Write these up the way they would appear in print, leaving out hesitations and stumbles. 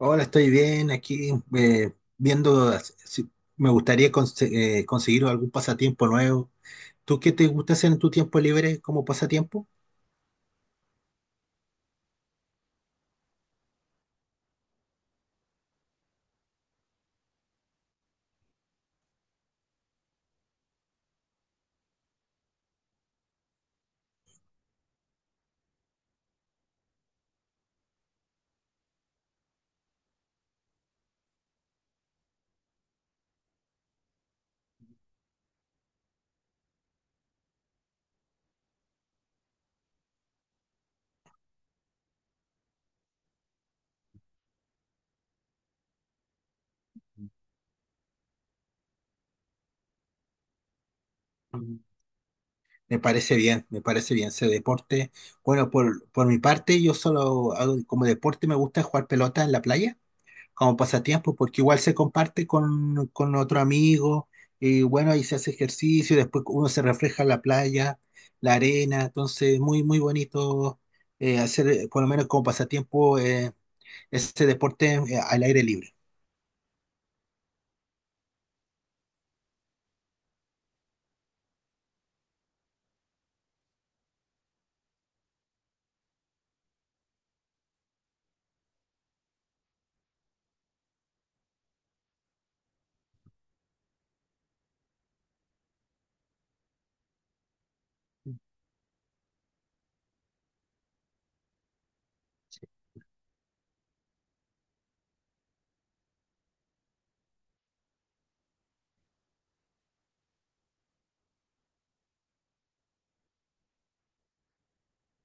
Ahora estoy bien aquí viendo si me gustaría conseguir algún pasatiempo nuevo. ¿Tú qué te gusta hacer en tu tiempo libre como pasatiempo? Mm. Me parece bien ese deporte. Bueno, por mi parte, yo solo hago como deporte, me gusta jugar pelota en la playa, como pasatiempo, porque igual se comparte con otro amigo, y bueno, ahí se hace ejercicio, después uno se refleja en la playa, la arena, entonces muy, muy bonito hacer, por lo menos como pasatiempo, ese deporte al aire libre.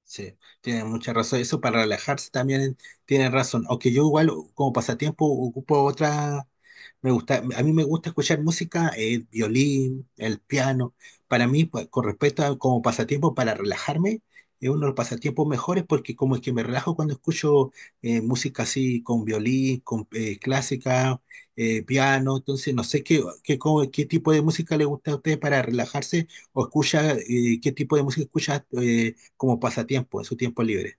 Sí, tiene mucha razón. Eso para relajarse también tienen razón. Aunque yo igual como pasatiempo ocupo otra. Me gusta, a mí me gusta escuchar música, el violín, el piano. Para mí, pues, con respecto a como pasatiempo para relajarme, es uno de los pasatiempos mejores porque como es que me relajo cuando escucho música así con violín, con clásica, piano. Entonces, no sé qué, qué, cómo- qué tipo de música le gusta a usted para relajarse o escucha, qué tipo de música escucha como pasatiempo en su tiempo libre.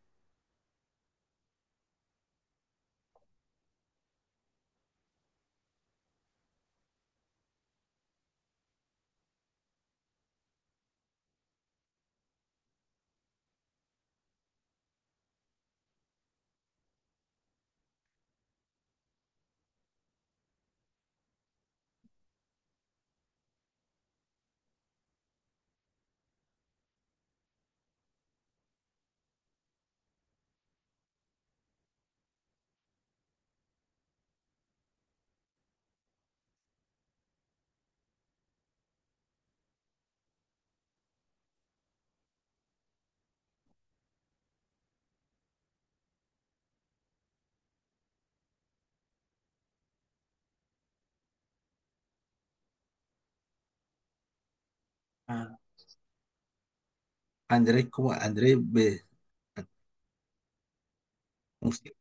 Ah, Andrés, como Andrés, música.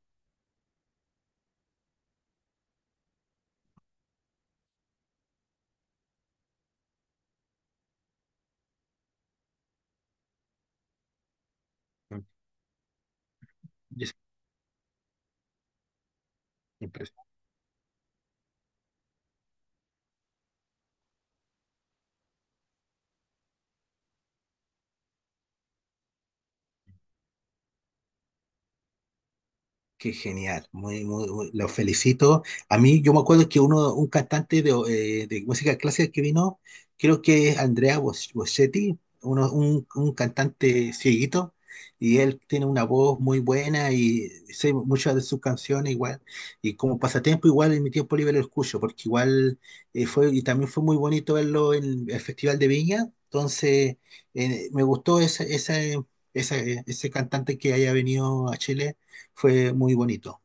Qué genial, los felicito. A mí, yo me acuerdo que uno, un cantante de música clásica que vino, creo que es Andrea Bocelli, un cantante cieguito, y él tiene una voz muy buena y sé muchas de sus canciones igual, y como pasatiempo igual en mi tiempo libre lo escucho, porque igual y también fue muy bonito verlo en el Festival de Viña, entonces me gustó ese cantante que haya venido a Chile, fue muy bonito,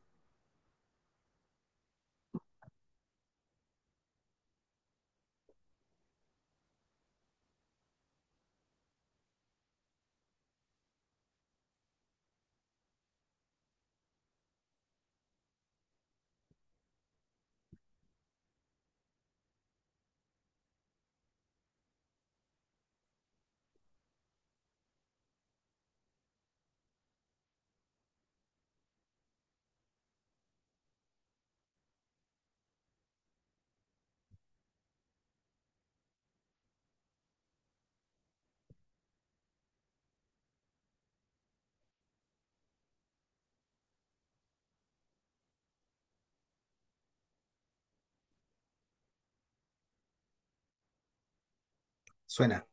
suena.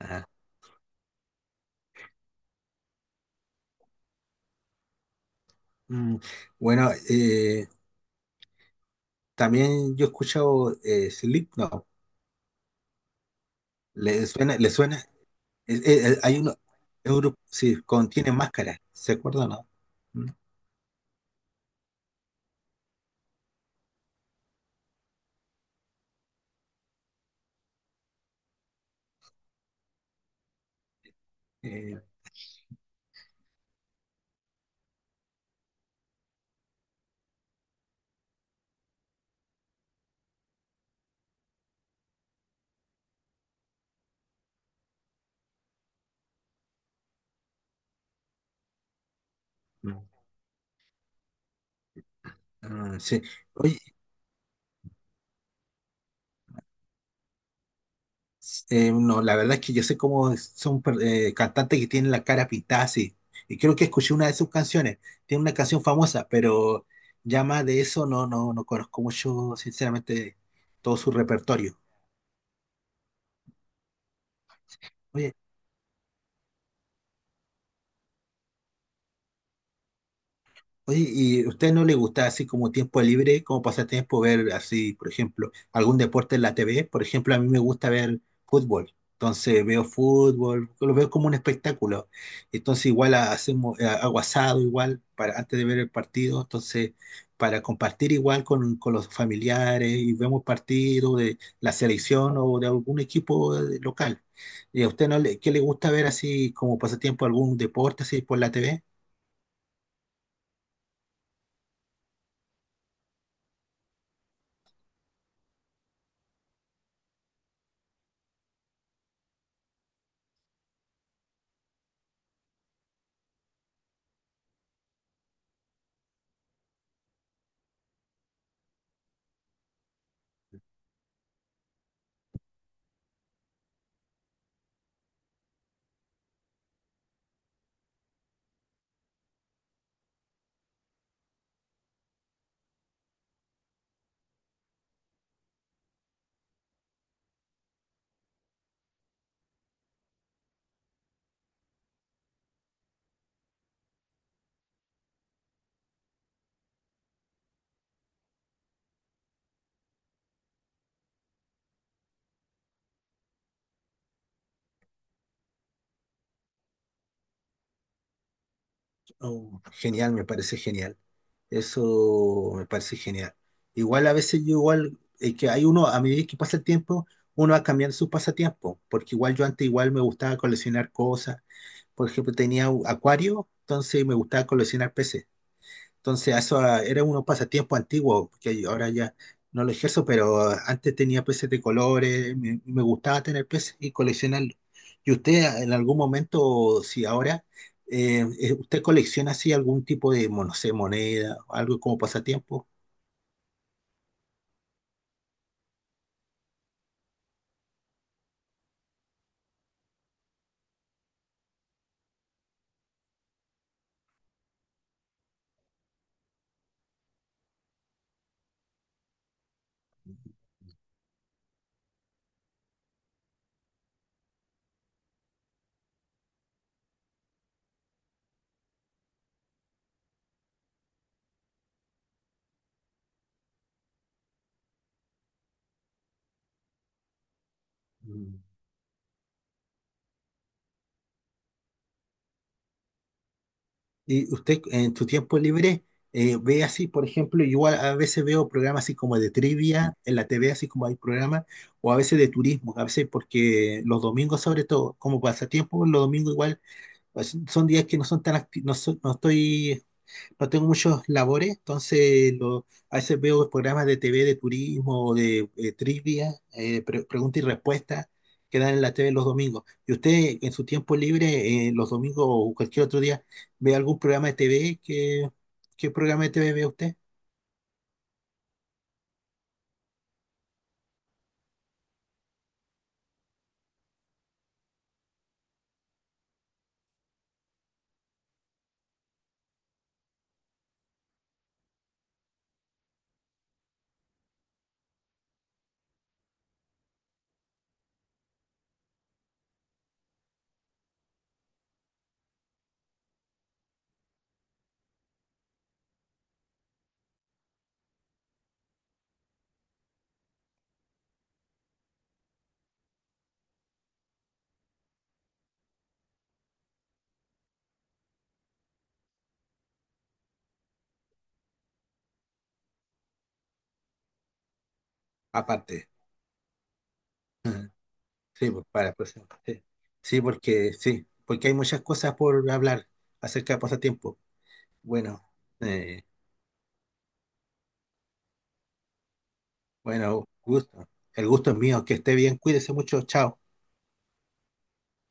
Ajá. Mm, Bueno, también yo he escuchado Slipknot. ¿Le suena? ¿Le suena? Hay uno, es un grupo, sí, contiene máscaras, ¿se acuerdan, no? Mm, eh, mm, ah, sí. Oye, no, la verdad es que yo sé cómo son cantantes que tienen la cara pintada así. Y creo que escuché una de sus canciones. Tiene una canción famosa, pero ya más de eso no conozco mucho, sinceramente, todo su repertorio. Oye, oye, ¿y a usted no le gusta así como tiempo libre, como pasatiempo, ver así, por ejemplo, algún deporte en la TV? Por ejemplo, a mí me gusta ver fútbol. Entonces veo fútbol, lo veo como un espectáculo. Entonces igual hacemos hago asado igual para antes de ver el partido, entonces para compartir igual con los familiares y vemos partidos de la selección o de algún equipo local. ¿Y a usted no le, qué le gusta ver así como pasatiempo algún deporte así por la TV? Oh, genial, me parece genial. Eso me parece genial. Igual a veces yo igual, que hay uno, a medida que pasa el tiempo, uno va cambiando sus pasatiempos, porque igual yo antes igual me gustaba coleccionar cosas. Por ejemplo, tenía un acuario, entonces me gustaba coleccionar peces. Entonces, eso ah, era unos pasatiempos antiguos, que ahora ya no lo ejerzo, pero ah, antes tenía peces de colores, me gustaba tener peces y coleccionarlos. ¿Y usted ah, en algún momento, si ahora, usted colecciona así algún tipo de, no sé, moneda, algo como pasatiempo? Mm. Y usted en tu tiempo libre ve así, por ejemplo, igual a veces veo programas así como de trivia en la TV, así como hay programas, o a veces de turismo, a veces porque los domingos sobre todo, como pasatiempo, los domingos igual, pues, son días que no son tan activos, no, no estoy, no tengo muchos labores, entonces a veces veo programas de TV de turismo o de trivia, pregunta y respuesta que dan en la TV los domingos. ¿Y usted en su tiempo libre, los domingos o cualquier otro día, ve algún programa de TV? Qué programa de TV ve usted? Aparte. Ujú. Sí, pues, para pues, sí. Sí, porque hay muchas cosas por hablar acerca de pasatiempo. Bueno, eh, bueno, gusto. El gusto es mío, que esté bien, cuídese mucho, chao.